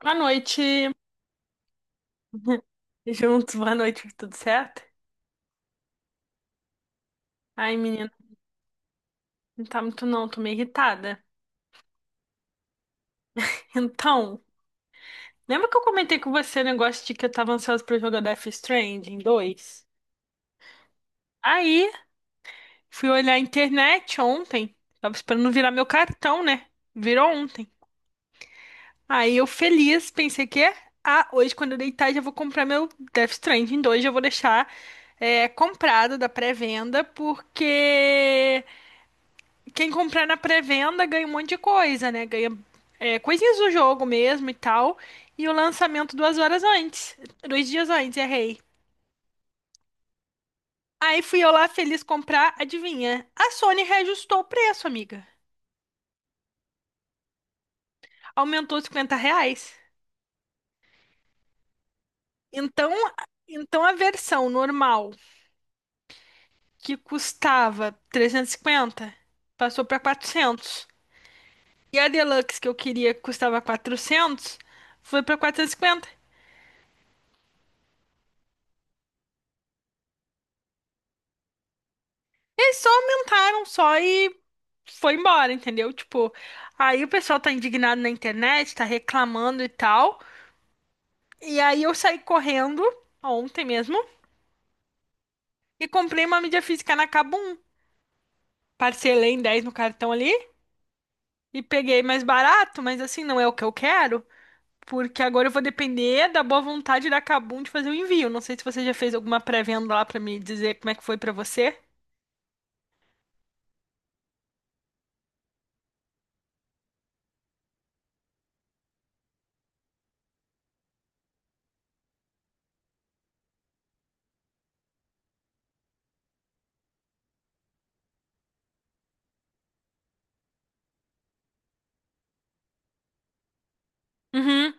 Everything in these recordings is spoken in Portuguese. Boa noite. Juntos, boa noite, tudo certo? Ai, menina, não tá muito não, tô meio irritada. Então, lembra que eu comentei com você o negócio de que eu tava ansiosa pra jogar Death Stranding 2? Aí, fui olhar a internet ontem, tava esperando virar meu cartão, né? Virou ontem. Aí eu feliz, pensei que, ah, hoje quando eu deitar já vou comprar meu Death Stranding 2, já vou deixar comprado da pré-venda, porque quem comprar na pré-venda ganha um monte de coisa, né? Ganha coisinhas do jogo mesmo e tal. E o lançamento 2 horas antes. Dois dias antes, errei. Aí fui eu lá feliz comprar, adivinha? A Sony reajustou o preço, amiga. Aumentou R$ 50. Então, então a versão normal, que custava 350, passou para 400. E a Deluxe, que eu queria, que custava 400, foi para 450. Eles só aumentaram só e foi embora, entendeu? Tipo, aí o pessoal tá indignado na internet, tá reclamando e tal. E aí eu saí correndo, ontem mesmo, e comprei uma mídia física na Kabum. Parcelei em 10 no cartão ali e peguei mais barato, mas assim, não é o que eu quero. Porque agora eu vou depender da boa vontade da Kabum de fazer o envio. Não sei se você já fez alguma pré-venda lá pra me dizer como é que foi pra você. Uhum.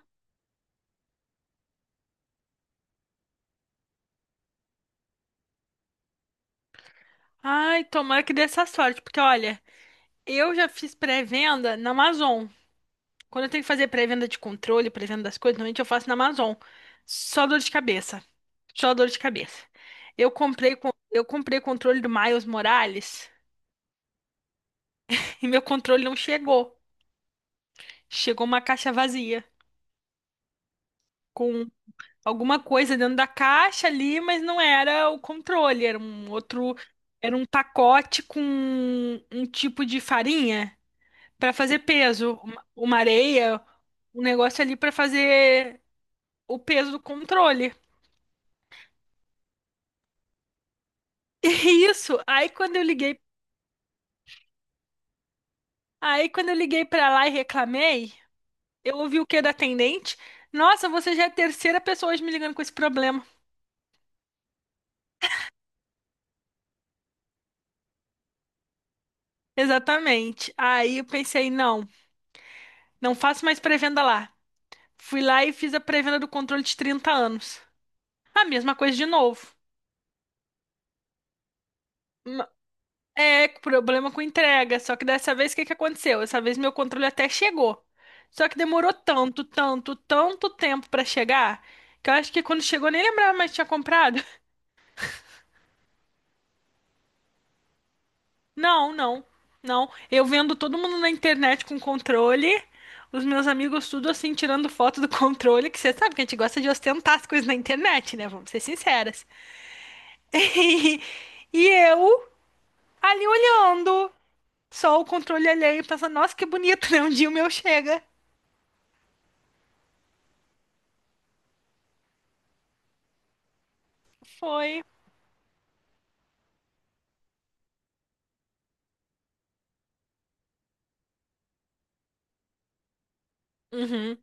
Ai, tomara que dê essa sorte, porque olha, eu já fiz pré-venda na Amazon. Quando eu tenho que fazer pré-venda de controle, pré-venda das coisas, normalmente eu faço na Amazon. Só dor de cabeça. Só dor de cabeça. Eu comprei, eu comprei controle do Miles Morales e meu controle não chegou. Chegou uma caixa vazia, com alguma coisa dentro da caixa ali, mas não era o controle, era um outro, era um pacote com um tipo de farinha para fazer peso, uma areia, um negócio ali para fazer o peso do controle. Isso. Aí quando eu liguei pra lá e reclamei, eu ouvi o que da atendente? Nossa, você já é a terceira pessoa hoje me ligando com esse problema. Exatamente. Aí eu pensei, não, não faço mais pré-venda lá. Fui lá e fiz a pré-venda do controle de 30 anos. A mesma coisa de novo. Ma- Problema com entrega. Só que dessa vez o que que aconteceu? Dessa vez meu controle até chegou. Só que demorou tanto, tanto, tanto tempo pra chegar, que eu acho que quando chegou eu nem lembrava mais que tinha comprado. Não, não, não. Eu vendo todo mundo na internet com controle, os meus amigos tudo assim tirando foto do controle, que você sabe que a gente gosta de ostentar as coisas na internet, né? Vamos ser sinceras. Eu ali olhando, só o controle alheio, pensando, nossa, que bonito, né? Um dia o meu chega. Foi. Uhum.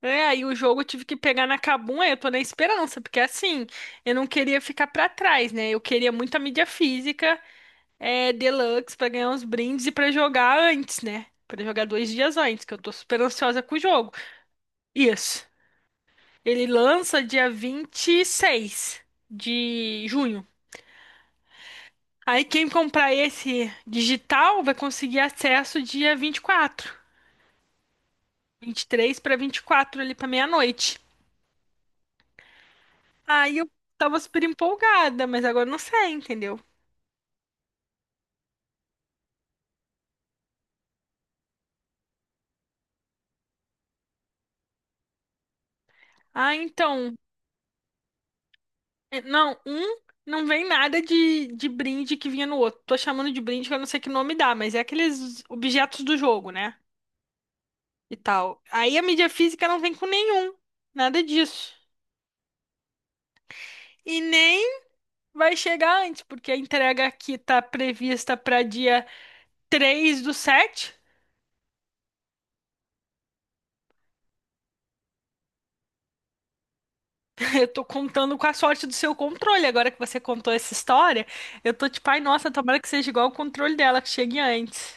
É, aí o jogo eu tive que pegar na Kabum, aí eu tô na esperança, porque assim, eu não queria ficar pra trás, né? Eu queria muita mídia física, Deluxe pra ganhar uns brindes e pra jogar antes, né? Pra jogar 2 dias antes, que eu tô super ansiosa com o jogo. Isso. Ele lança dia 26 de junho. Aí quem comprar esse digital vai conseguir acesso dia 23 para 24 ali para meia-noite. Aí eu tava super empolgada, mas agora não sei, entendeu? Ah, então, É, Não, um não vem nada de brinde que vinha no outro. Tô chamando de brinde que eu não sei que nome dá, mas é aqueles objetos do jogo, né? E tal. Aí a mídia física não vem com nenhum, nada disso. E nem vai chegar antes, porque a entrega aqui tá prevista para dia 03/07. Eu tô contando com a sorte do seu controle. Agora que você contou essa história, eu tô tipo, ai, nossa, tomara que seja igual o controle dela, que chegue antes.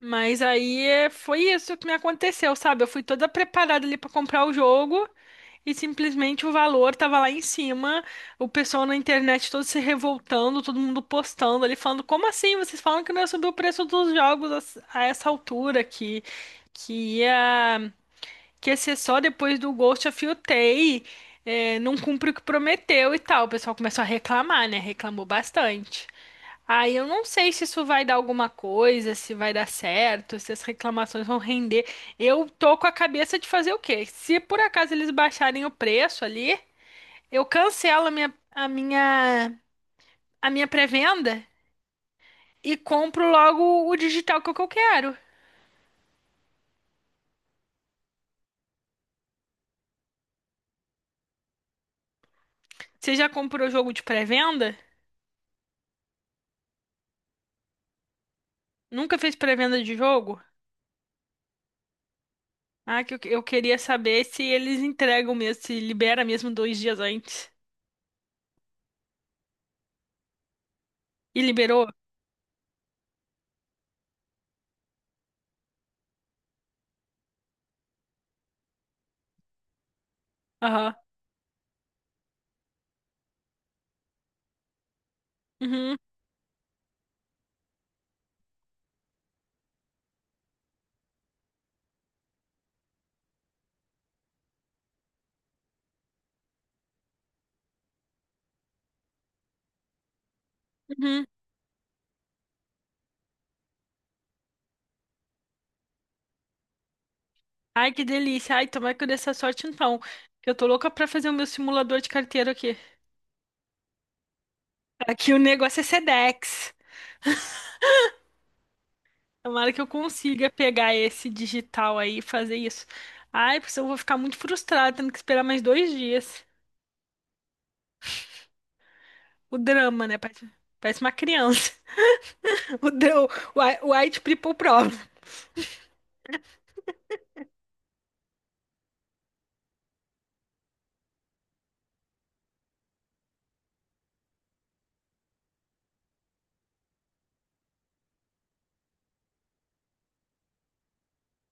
Mas aí é, foi isso que me aconteceu, sabe? Eu fui toda preparada ali pra comprar o jogo e simplesmente o valor tava lá em cima, o pessoal na internet todo se revoltando, todo mundo postando ali, falando: como assim? Vocês falam que não ia subir o preço dos jogos a essa altura aqui? Que ia, que ia ser só depois do Ghost of Yotei, não cumpre o que prometeu e tal. O pessoal começou a reclamar, né? Reclamou bastante. Ah, eu não sei se isso vai dar alguma coisa, se vai dar certo, se as reclamações vão render. Eu tô com a cabeça de fazer o quê? Se por acaso eles baixarem o preço ali, eu cancelo a minha pré-venda e compro logo o digital que é o que eu quero. Você já comprou jogo de pré-venda? Nunca fez pré-venda de jogo? Ah, que eu queria saber se eles entregam mesmo, se libera mesmo 2 dias antes. E liberou? Aham. Uhum, uhum. Ai, que delícia. Ai, tomara que eu dê essa sorte então. Que eu tô louca pra fazer o meu simulador de carteiro aqui. Aqui o negócio é Sedex. Tomara que eu consiga pegar esse digital aí e fazer isso. Ai, porque senão eu vou ficar muito frustrada, tendo que esperar mais 2 dias. O drama, né? Parece, parece uma criança. O, dra- o o White People Problem.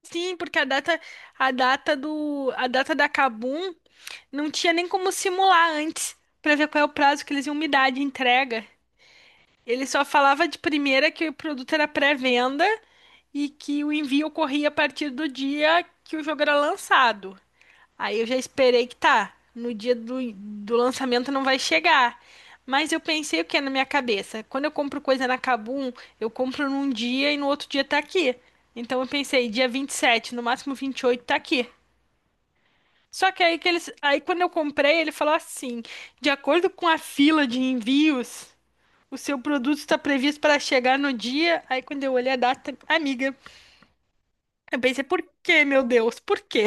Sim, porque a data da Kabum não tinha nem como simular antes pra ver qual é o prazo que eles iam me dar de entrega. Ele só falava de primeira que o produto era pré-venda e que o envio ocorria a partir do dia que o jogo era lançado. Aí eu já esperei que tá, no dia do lançamento não vai chegar. Mas eu pensei o que é na minha cabeça? Quando eu compro coisa na Kabum, eu compro num dia e no outro dia tá aqui. Então eu pensei, dia 27, no máximo 28 tá aqui. Só que aí quando eu comprei, ele falou assim: de acordo com a fila de envios. O seu produto está previsto para chegar no dia. Aí quando eu olhei a data, amiga, eu pensei, por quê, meu Deus? Por quê?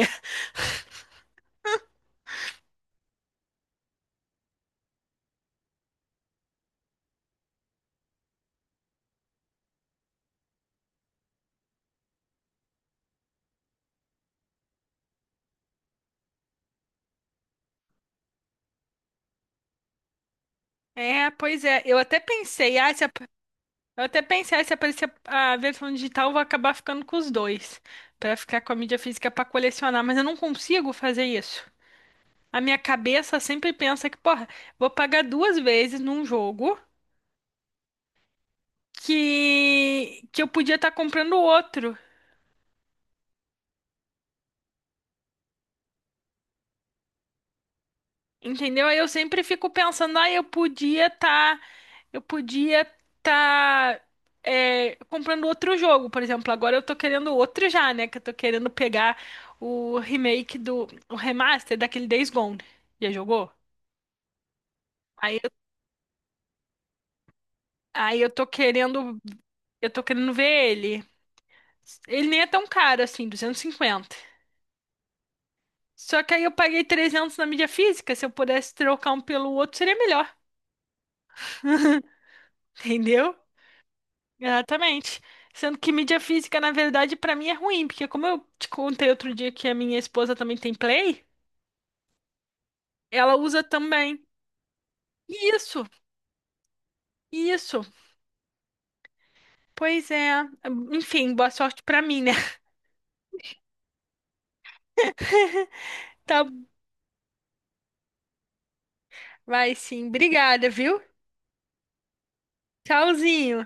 É, pois é, eu até pensei, ah, se ap- eu até pensei, ah, se aparecer a versão digital, eu vou acabar ficando com os dois, para ficar com a mídia física para colecionar, mas eu não consigo fazer isso. A minha cabeça sempre pensa que, porra, vou pagar 2 vezes num jogo que eu podia estar comprando outro. Entendeu? Aí eu sempre fico pensando, ah, eu podia estar comprando outro jogo, por exemplo. Agora eu tô querendo outro já, né? Que eu tô querendo pegar o remaster daquele Days Gone. Já jogou? Aí, eu- aí eu tô querendo ver ele. Ele nem é tão caro assim, 250. Só que aí eu paguei 300 na mídia física. Se eu pudesse trocar um pelo outro, seria melhor. Entendeu? Exatamente. Sendo que mídia física, na verdade, pra mim é ruim, porque como eu te contei outro dia que a minha esposa também tem Play, ela usa também. Isso, isso. Pois é. Enfim, boa sorte pra mim, né? Tá, vai sim. Obrigada, viu? Tchauzinho.